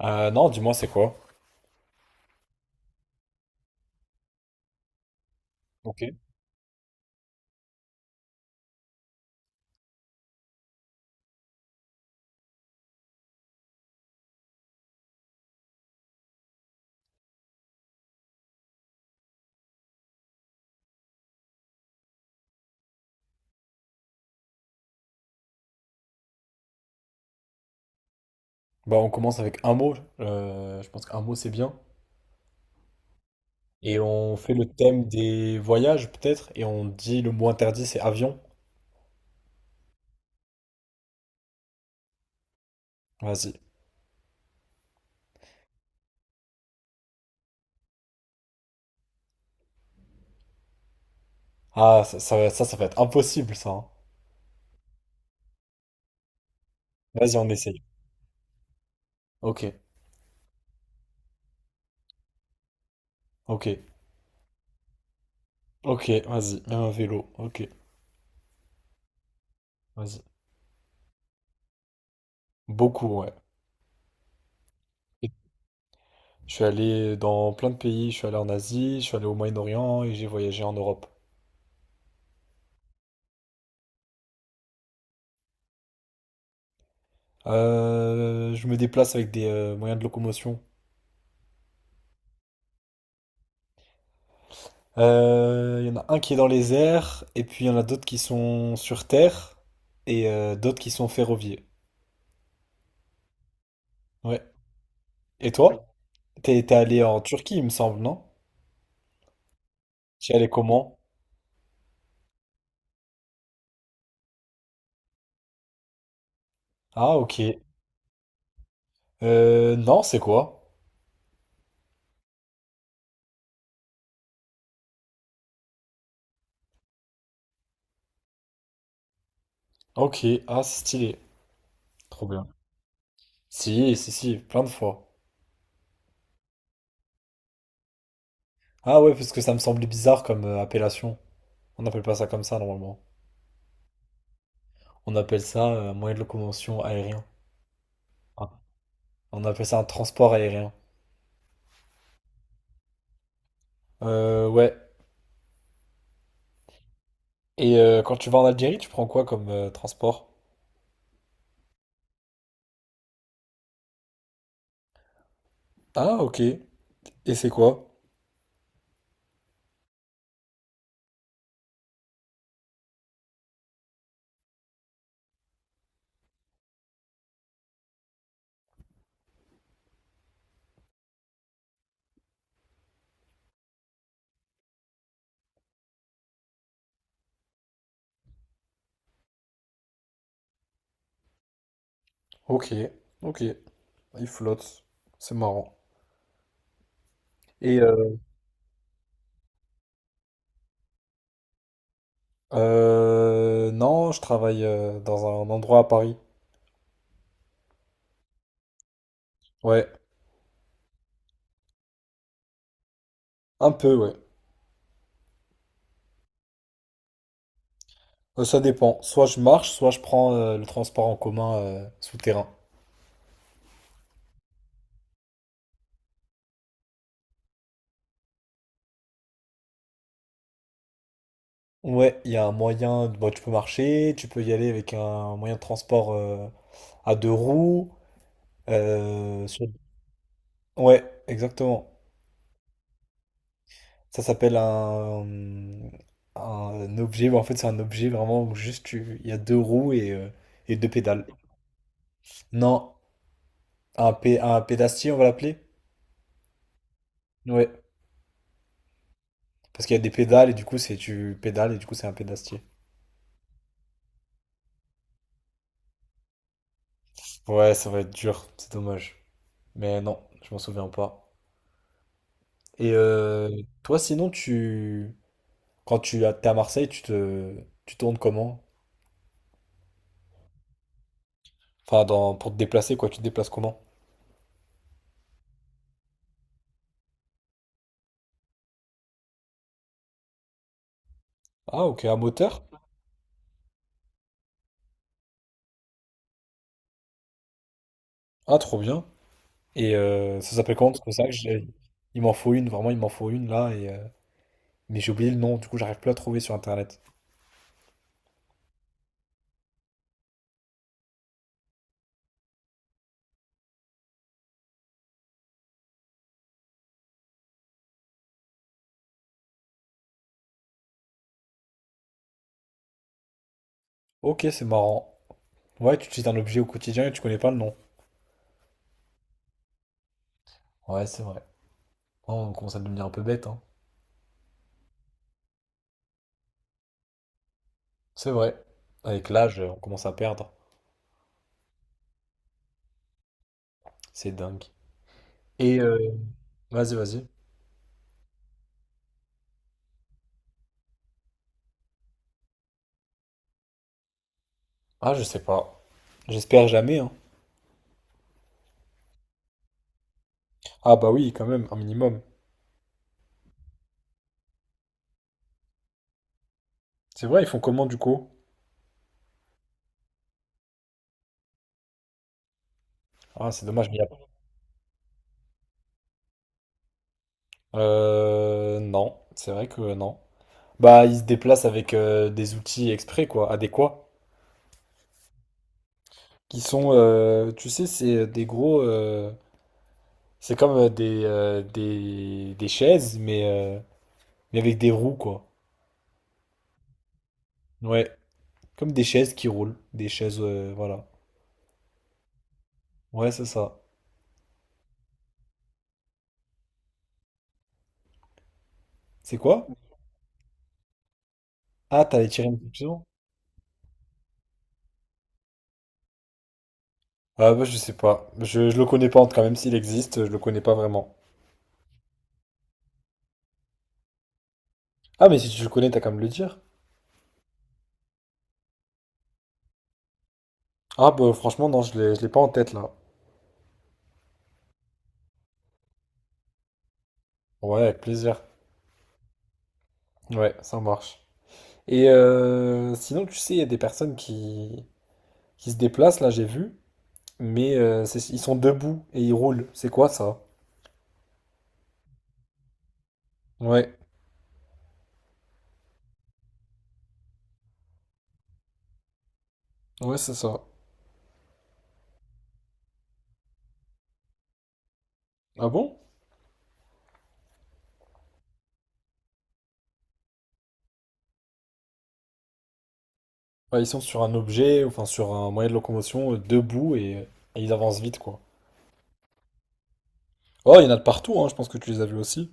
Non, dis-moi, c'est quoi? Ok. Bah, on commence avec un mot. Je pense qu'un mot, c'est bien. Et on fait le thème des voyages, peut-être. Et on dit le mot interdit, c'est avion. Vas-y. Ah, ça va être impossible, ça, hein. Vas-y, on essaye. Ok, ok, ok, vas-y. Même un vélo. Ok, vas-y. Beaucoup, ouais. Je suis allé dans plein de pays. Je suis allé en Asie, je suis allé au Moyen-Orient et j'ai voyagé en Europe. Je me déplace avec des moyens de locomotion. Il y en a un qui est dans les airs, et puis il y en a d'autres qui sont sur terre, et d'autres qui sont ferroviaires. Ouais. Et oui. Toi? T'es allé en Turquie, il me semble, non? T'y allé comment? Ah, ok. Non, c'est quoi? Ok, ah, c'est stylé. Trop bien. Si, si, si, plein de fois. Ah ouais, parce que ça me semblait bizarre comme appellation. On n'appelle pas ça comme ça, normalement. On appelle ça moyen de locomotion aérien. Ah. On appelle ça un transport aérien. Ouais. Et quand tu vas en Algérie, tu prends quoi comme transport? Ah, ok. Et c'est quoi? Ok, ok. Il flotte. C'est marrant. Et non, je travaille dans un endroit à Paris. Ouais, un peu, ouais. Ça dépend. Soit je marche, soit je prends le transport en commun souterrain. Ouais, il y a un moyen. Bon, tu peux marcher, tu peux y aller avec un moyen de transport à deux roues. euh, sur- Ouais, exactement. Ça s'appelle un objet. En fait, c'est un objet vraiment où il y a deux roues et et deux pédales. Non, un pédastier, on va l'appeler? Ouais. Parce qu'il y a des pédales et du coup, c'est tu pédales et du coup, c'est un pédastier. Ouais, ça va être dur, c'est dommage. Mais non, je m'en souviens pas. Et toi, sinon, tu quand t'es à Marseille, tu tournes comment? Enfin, dans... pour te déplacer, quoi, tu te déplaces comment? Ah, ok, à moteur? Ah, trop bien. Et ça s'appelle comment? Parce que c'est vrai que j'ai- il m'en faut une, vraiment, il m'en faut une là. Mais j'ai oublié le nom, du coup, j'arrive plus à trouver sur internet. Ok, c'est marrant. Ouais, tu utilises un objet au quotidien et tu connais pas le nom. Ouais, c'est vrai. Oh, on commence à devenir un peu bête, hein. C'est vrai. Avec l'âge, on commence à perdre. C'est dingue. Et vas-y, vas-y. Ah, je sais pas. J'espère jamais, hein. Ah bah oui, quand même, un minimum. C'est vrai, ils font comment du coup? Ah, c'est dommage, mais pas. Non, c'est vrai que non. Bah, ils se déplacent avec des outils exprès, quoi, adéquats, qui sont, tu sais, c'est des gros, c'est comme des chaises, mais avec des roues, quoi. Ouais, comme des chaises qui roulent, des chaises, voilà. Ouais, c'est ça. C'est quoi? Ah, t'allais tirer une conclusion? Ah, bah, je sais pas. Je le connais pas, en tout cas, même s'il existe, je le connais pas vraiment. Ah, mais si tu le connais, t'as qu'à me le dire. Ah, bah, franchement, non, je l'ai pas en tête, là. Ouais, avec plaisir. Ouais, ça marche. Et sinon, tu sais, il y a des personnes qui se déplacent, là j'ai vu, mais ils sont debout et ils roulent. C'est quoi ça? Ouais, ouais, c'est ça. Ah bon? Ouais, ils sont sur un objet, enfin sur un moyen de locomotion, debout et ils avancent vite, quoi. Oh, il y en a de partout, hein, je pense que tu les as vus aussi.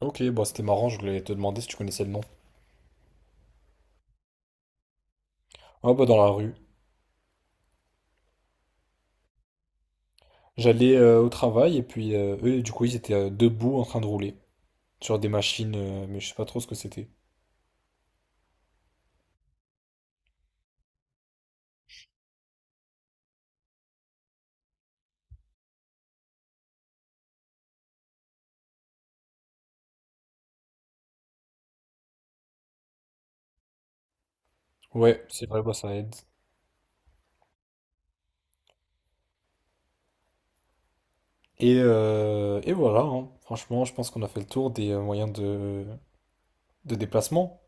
Ok, bah c'était marrant, je voulais te demander si tu connaissais le nom. Ah bah dans la rue. J'allais au travail et puis eux, du coup, ils étaient debout en train de rouler sur des machines, mais je sais pas trop ce que c'était. Ouais, c'est vrai, bah ça aide. Et voilà, hein. Franchement, je pense qu'on a fait le tour des moyens de déplacement.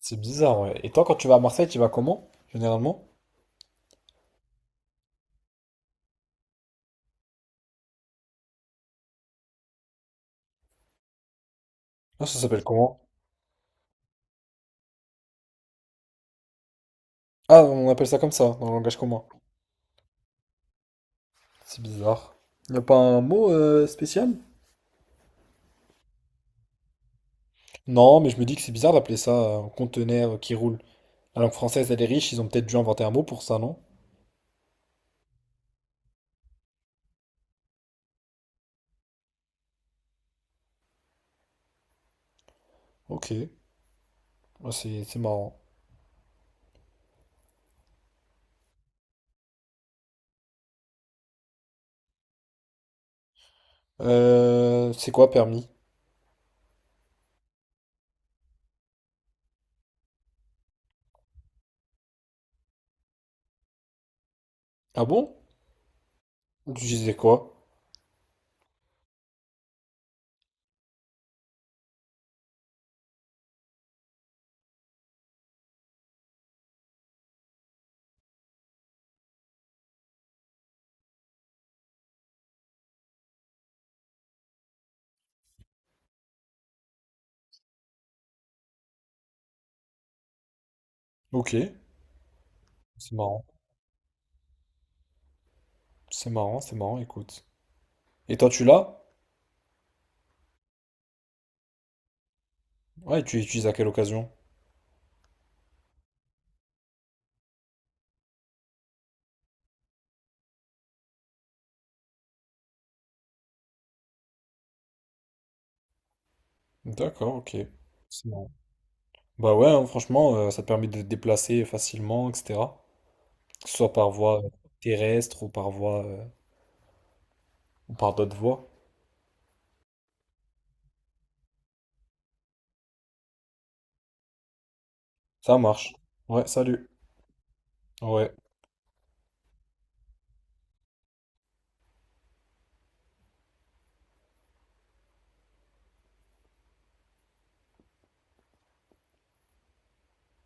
C'est bizarre, ouais. Et toi, quand tu vas à Marseille, tu vas comment, généralement? Ah, ça s'appelle comment? Ah, on appelle ça comme ça, dans le langage commun. C'est bizarre. Y a pas un mot spécial? Non, mais je me dis que c'est bizarre d'appeler ça un conteneur qui roule. La langue française, elle est riche, ils ont peut-être dû inventer un mot pour ça, non? Ok, ah, c'est marrant. C'est quoi permis? Ah bon? Tu disais quoi? Ok, c'est marrant, c'est marrant, c'est marrant, écoute. Et toi, tu l'as? Ouais, et tu l'utilises à quelle occasion? D'accord, ok. C'est marrant. Bah ouais, hein, franchement, ça te permet de te déplacer facilement, etc. Que ce soit par voie terrestre ou par voie, ou par d'autres voies. Ça marche. Ouais, salut. Ouais.